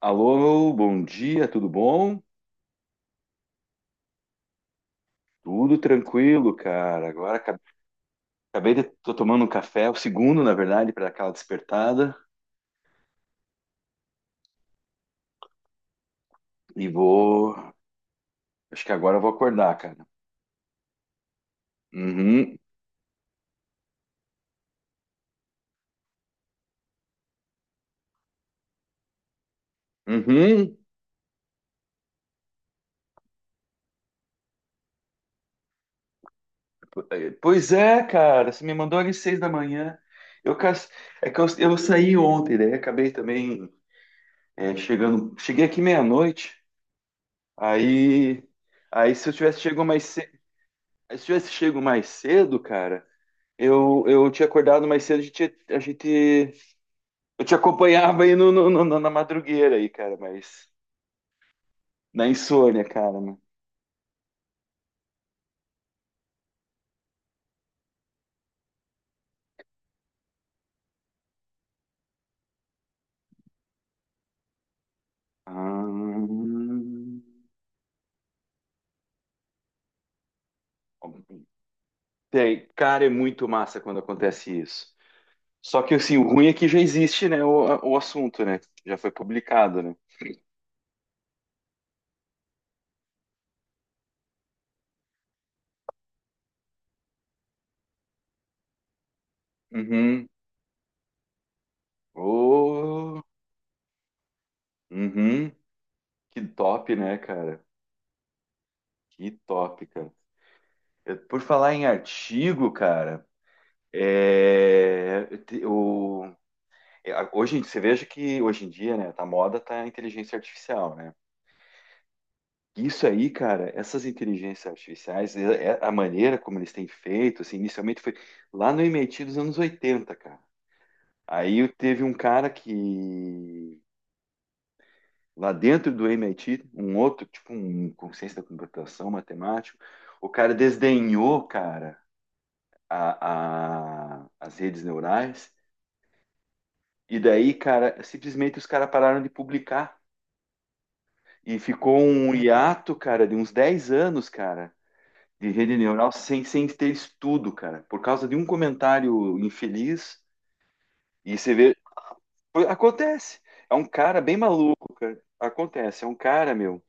Alô, bom dia, tudo bom? Tudo tranquilo, cara. Agora acabei de tô tomando um café, o segundo, na verdade, para aquela despertada e acho que agora eu vou acordar, cara. Uhum. Uhum. Pois é, cara, você me mandou às 6 da manhã. Eu cas- é que eu saí ontem, daí acabei também é, chegando, cheguei aqui meia-noite. Aí, aí se eu tivesse chego mais cedo, se eu tivesse chego mais cedo, cara, eu tinha acordado mais cedo, eu te acompanhava aí na madrugueira aí, cara, mas na insônia, cara, né? Ah, cara, é muito massa quando acontece isso. Só que assim, o ruim é que já existe, né, o assunto, né? Já foi publicado, né? Uhum. Oh, uhum. Que top, né, cara? Que top, cara. Por falar em artigo, cara, é, eu te- o É, hoje, você veja que hoje em dia, né, tá moda tá a inteligência artificial, né? Isso aí, cara, essas inteligências artificiais, é a maneira como eles têm feito, assim, inicialmente foi lá no MIT dos anos 80, cara. Aí teve um cara que, lá dentro do MIT, um outro, tipo um consciência da computação, matemático, o cara desdenhou, cara, as redes neurais, e daí, cara, simplesmente os caras pararam de publicar. E ficou um hiato, cara, de uns 10 anos, cara, de rede neural sem ter estudo, cara, por causa de um comentário infeliz. E você vê. Pô, acontece. É um cara bem maluco. Acontece. É um cara, meu.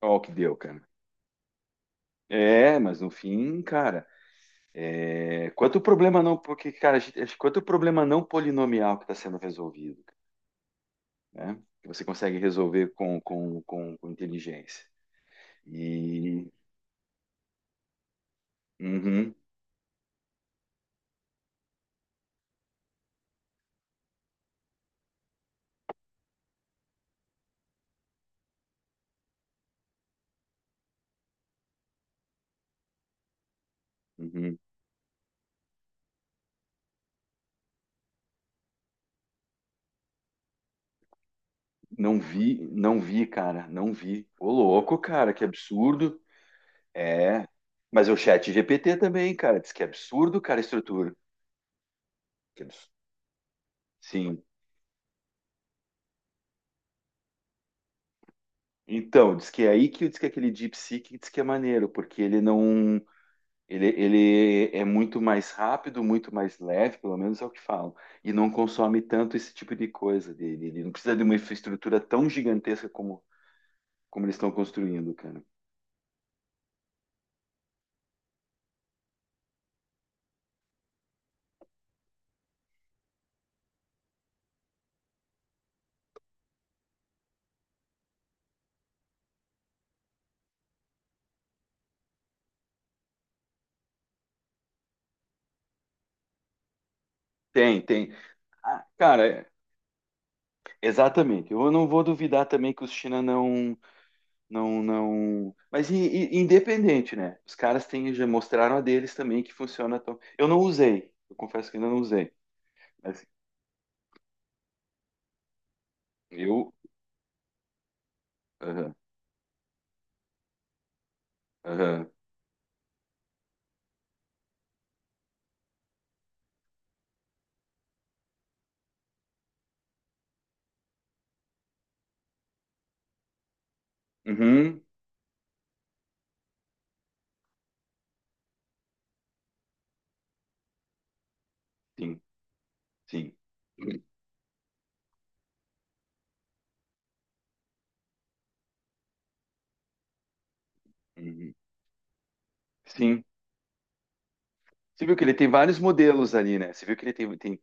Ó, o que deu, cara. É, mas no fim, cara. É, quanto problema não. Porque, cara, acho que quanto problema não polinomial que está sendo resolvido, né? Que você consegue resolver com inteligência. E. Uhum, uhum. Não vi, não vi, cara, não vi. Ô, louco, cara, que absurdo. É, mas é o chat GPT também, cara, diz que é absurdo, cara, a estrutura. Que abs- Sim. Então, diz que é aí que diz que é aquele DeepSeek diz que é maneiro, porque ele não, ele é muito mais rápido, muito mais leve, pelo menos é o que falam, e não consome tanto esse tipo de coisa dele. Ele não precisa de uma infraestrutura tão gigantesca como, como eles estão construindo, cara. Tem, tem. Ah, cara, é, exatamente. Eu não vou duvidar também que os China não, não. Mas independente, né? Os caras têm, já mostraram a deles também que funciona tão. Eu não usei. Eu confesso que ainda não usei. Mas eu. Aham, aham. Uhum, sim, sim. Uhum, sim. Você viu que ele tem vários modelos ali, né? Você viu que ele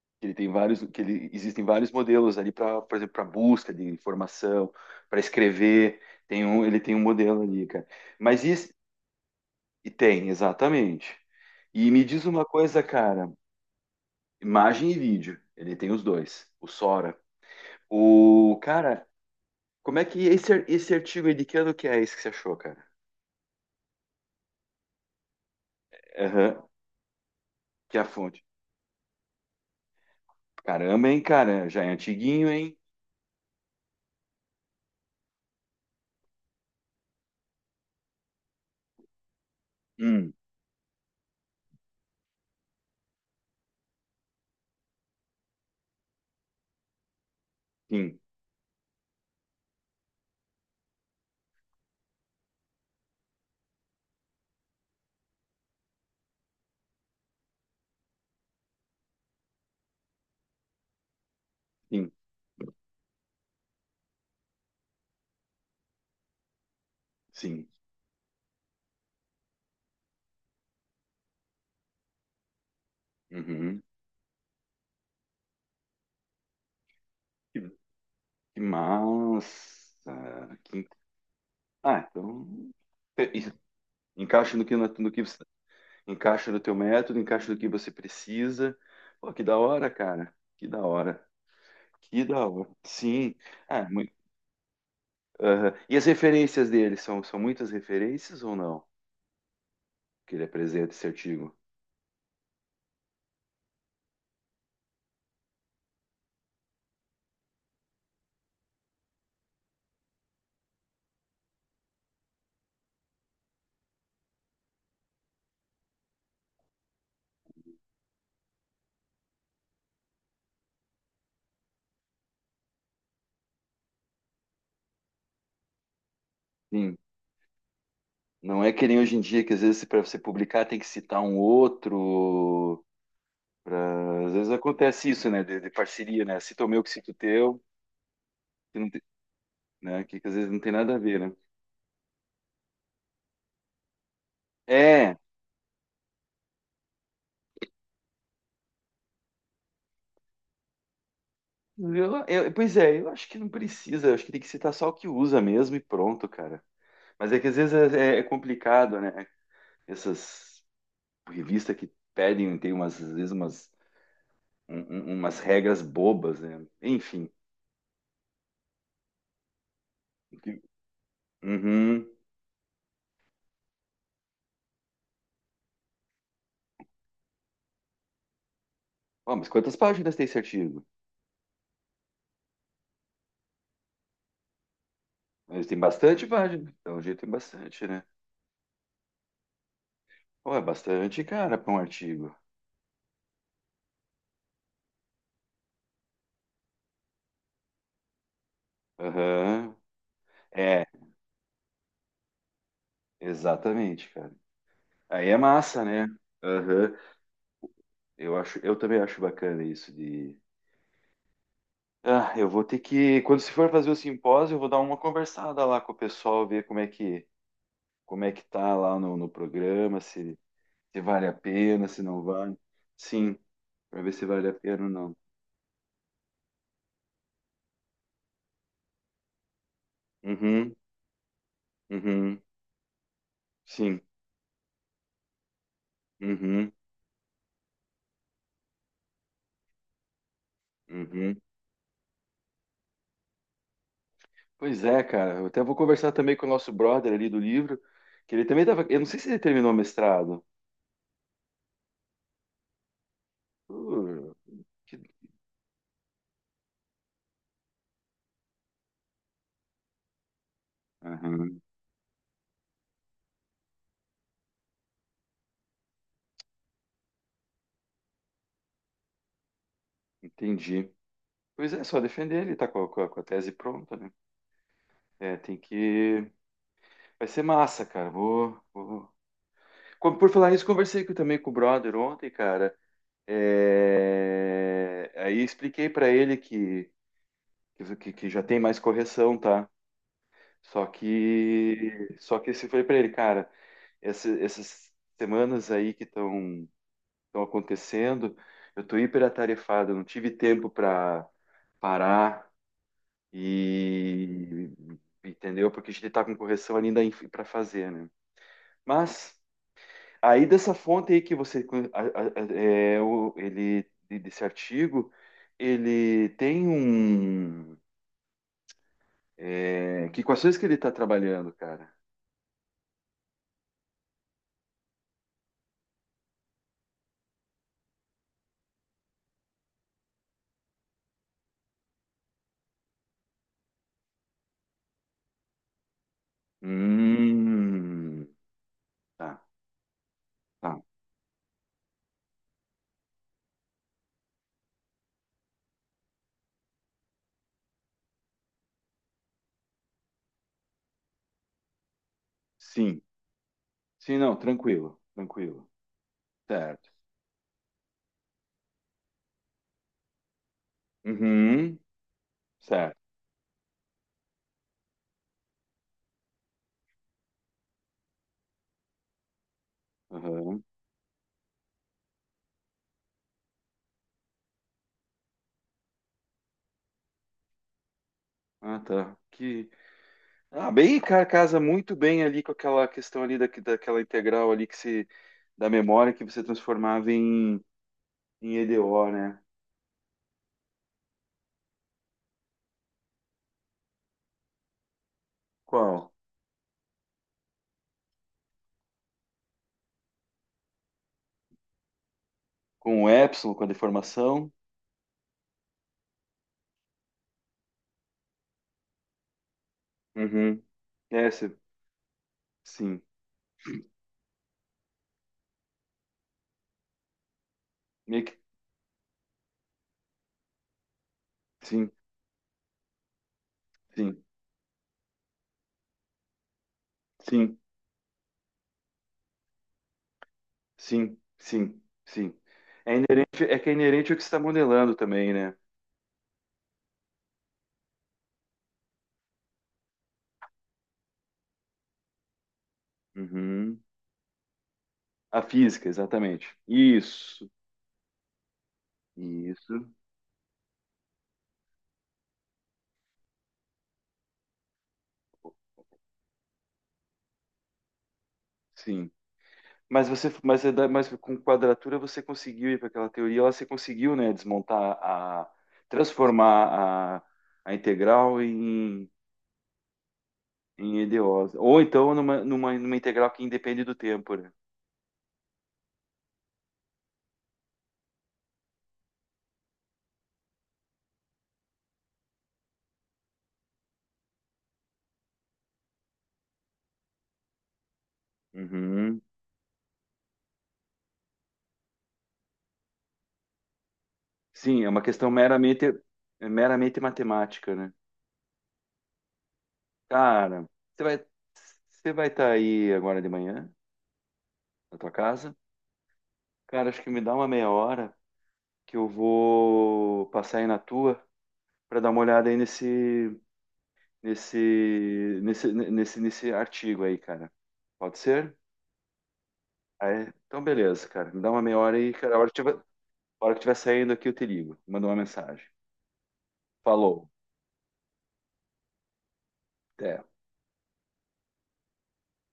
que ele tem vários, que ele, existem vários modelos ali para, por exemplo, para busca de informação, para escrever. Ele tem um modelo ali, cara. Mas e tem, exatamente. E me diz uma coisa, cara, imagem e vídeo, ele tem os dois, o Sora. O cara, como é que esse, esse artigo aí de que ano que é esse que você achou, cara? Aham, que é a fonte. Caramba, hein, cara, já é antiguinho, hein? Hum, sim, sim, sim. Uhum. Que, que massa. Ah, então isso, encaixa no que encaixa no teu método, encaixa no que você precisa. Pô, que da hora, cara. Que da hora. Que da hora. Sim. Ah, muito, e as referências dele são, são muitas referências ou não? Que ele apresenta esse artigo. Sim. Não é que nem hoje em dia, que às vezes para você publicar tem que citar um outro. Às vezes acontece isso, né? De parceria, né? Cita o meu que cito o teu, que, não tem- né? Que às vezes não tem nada a ver, né? É. Pois é, eu acho que não precisa. Eu acho que tem que citar só o que usa mesmo e pronto, cara. Mas é que às vezes é complicado, né? Essas revista que pedem, tem umas, às vezes umas, um- umas regras bobas, né? Enfim. Uhum. Ó, mas quantas páginas tem esse artigo? Mas tem bastante página. Então, jeito tem bastante, né? Pô, é bastante, cara, para um artigo. Aham. É, exatamente, cara. Aí é massa, né? Aham. Eu também acho bacana isso de. Ah, eu vou ter que, quando se for fazer o simpósio, eu vou dar uma conversada lá com o pessoal, ver como é que tá lá no programa, se se vale a pena, se não vale. Sim, para ver se vale a pena ou não. Uhum, uhum, sim, uhum, uhum. Pois é, cara. Eu até vou conversar também com o nosso brother ali do livro, que ele também tava. Eu não sei se ele terminou o mestrado. Uh, que- Aham, entendi. Pois é, só defender ele, tá com a, com a tese pronta, né? É, tem que. Vai ser massa, cara. Vou, vou... Por falar isso, também com o brother ontem, cara. É, aí expliquei pra ele que já tem mais correção, tá? Só que se foi para ele, cara, essas semanas aí que estão estão acontecendo, eu tô hiperatarefado, eu não tive tempo para parar e entendeu? Porque a gente tá com correção ainda para fazer, né? Mas aí dessa fonte aí que você ele desse artigo, ele tem um é, que equações que ele está trabalhando, cara? Hum, tá, tá. Sim, sim, não, tranquilo, tranquilo. Certo. Uhum, certo. Uhum. Ah, tá. Que... Ah, bem, cara, casa muito bem ali com aquela questão ali daquela integral ali que se, da memória que você transformava em, em EDO, né? Qual? Com o epsilon, com a deformação. Uhum. Essa, sim. Meio que, sim, sim, sim. Sim, sim, sim. É inerente, é que é inerente ao que você está modelando também, né? Uhum. A física, exatamente. Isso, isso, sim. Mas você, mas, mas com quadratura você conseguiu ir para aquela teoria, lá você conseguiu, né, desmontar transformar a integral em, em EDOs. Ou então numa, numa integral que independe do tempo, né? Uhum. Sim, é uma questão meramente, meramente matemática, né? Cara, você vai você vai estar aí agora de manhã na tua casa? Cara, acho que me dá uma meia hora que eu vou passar aí na tua para dar uma olhada aí nesse artigo aí, cara. Pode ser? Ah, é? Então beleza, cara. Me dá uma meia hora aí, cara. A hora que tiver, a hora que tiver saindo aqui eu te ligo. Manda uma mensagem. Falou. Até.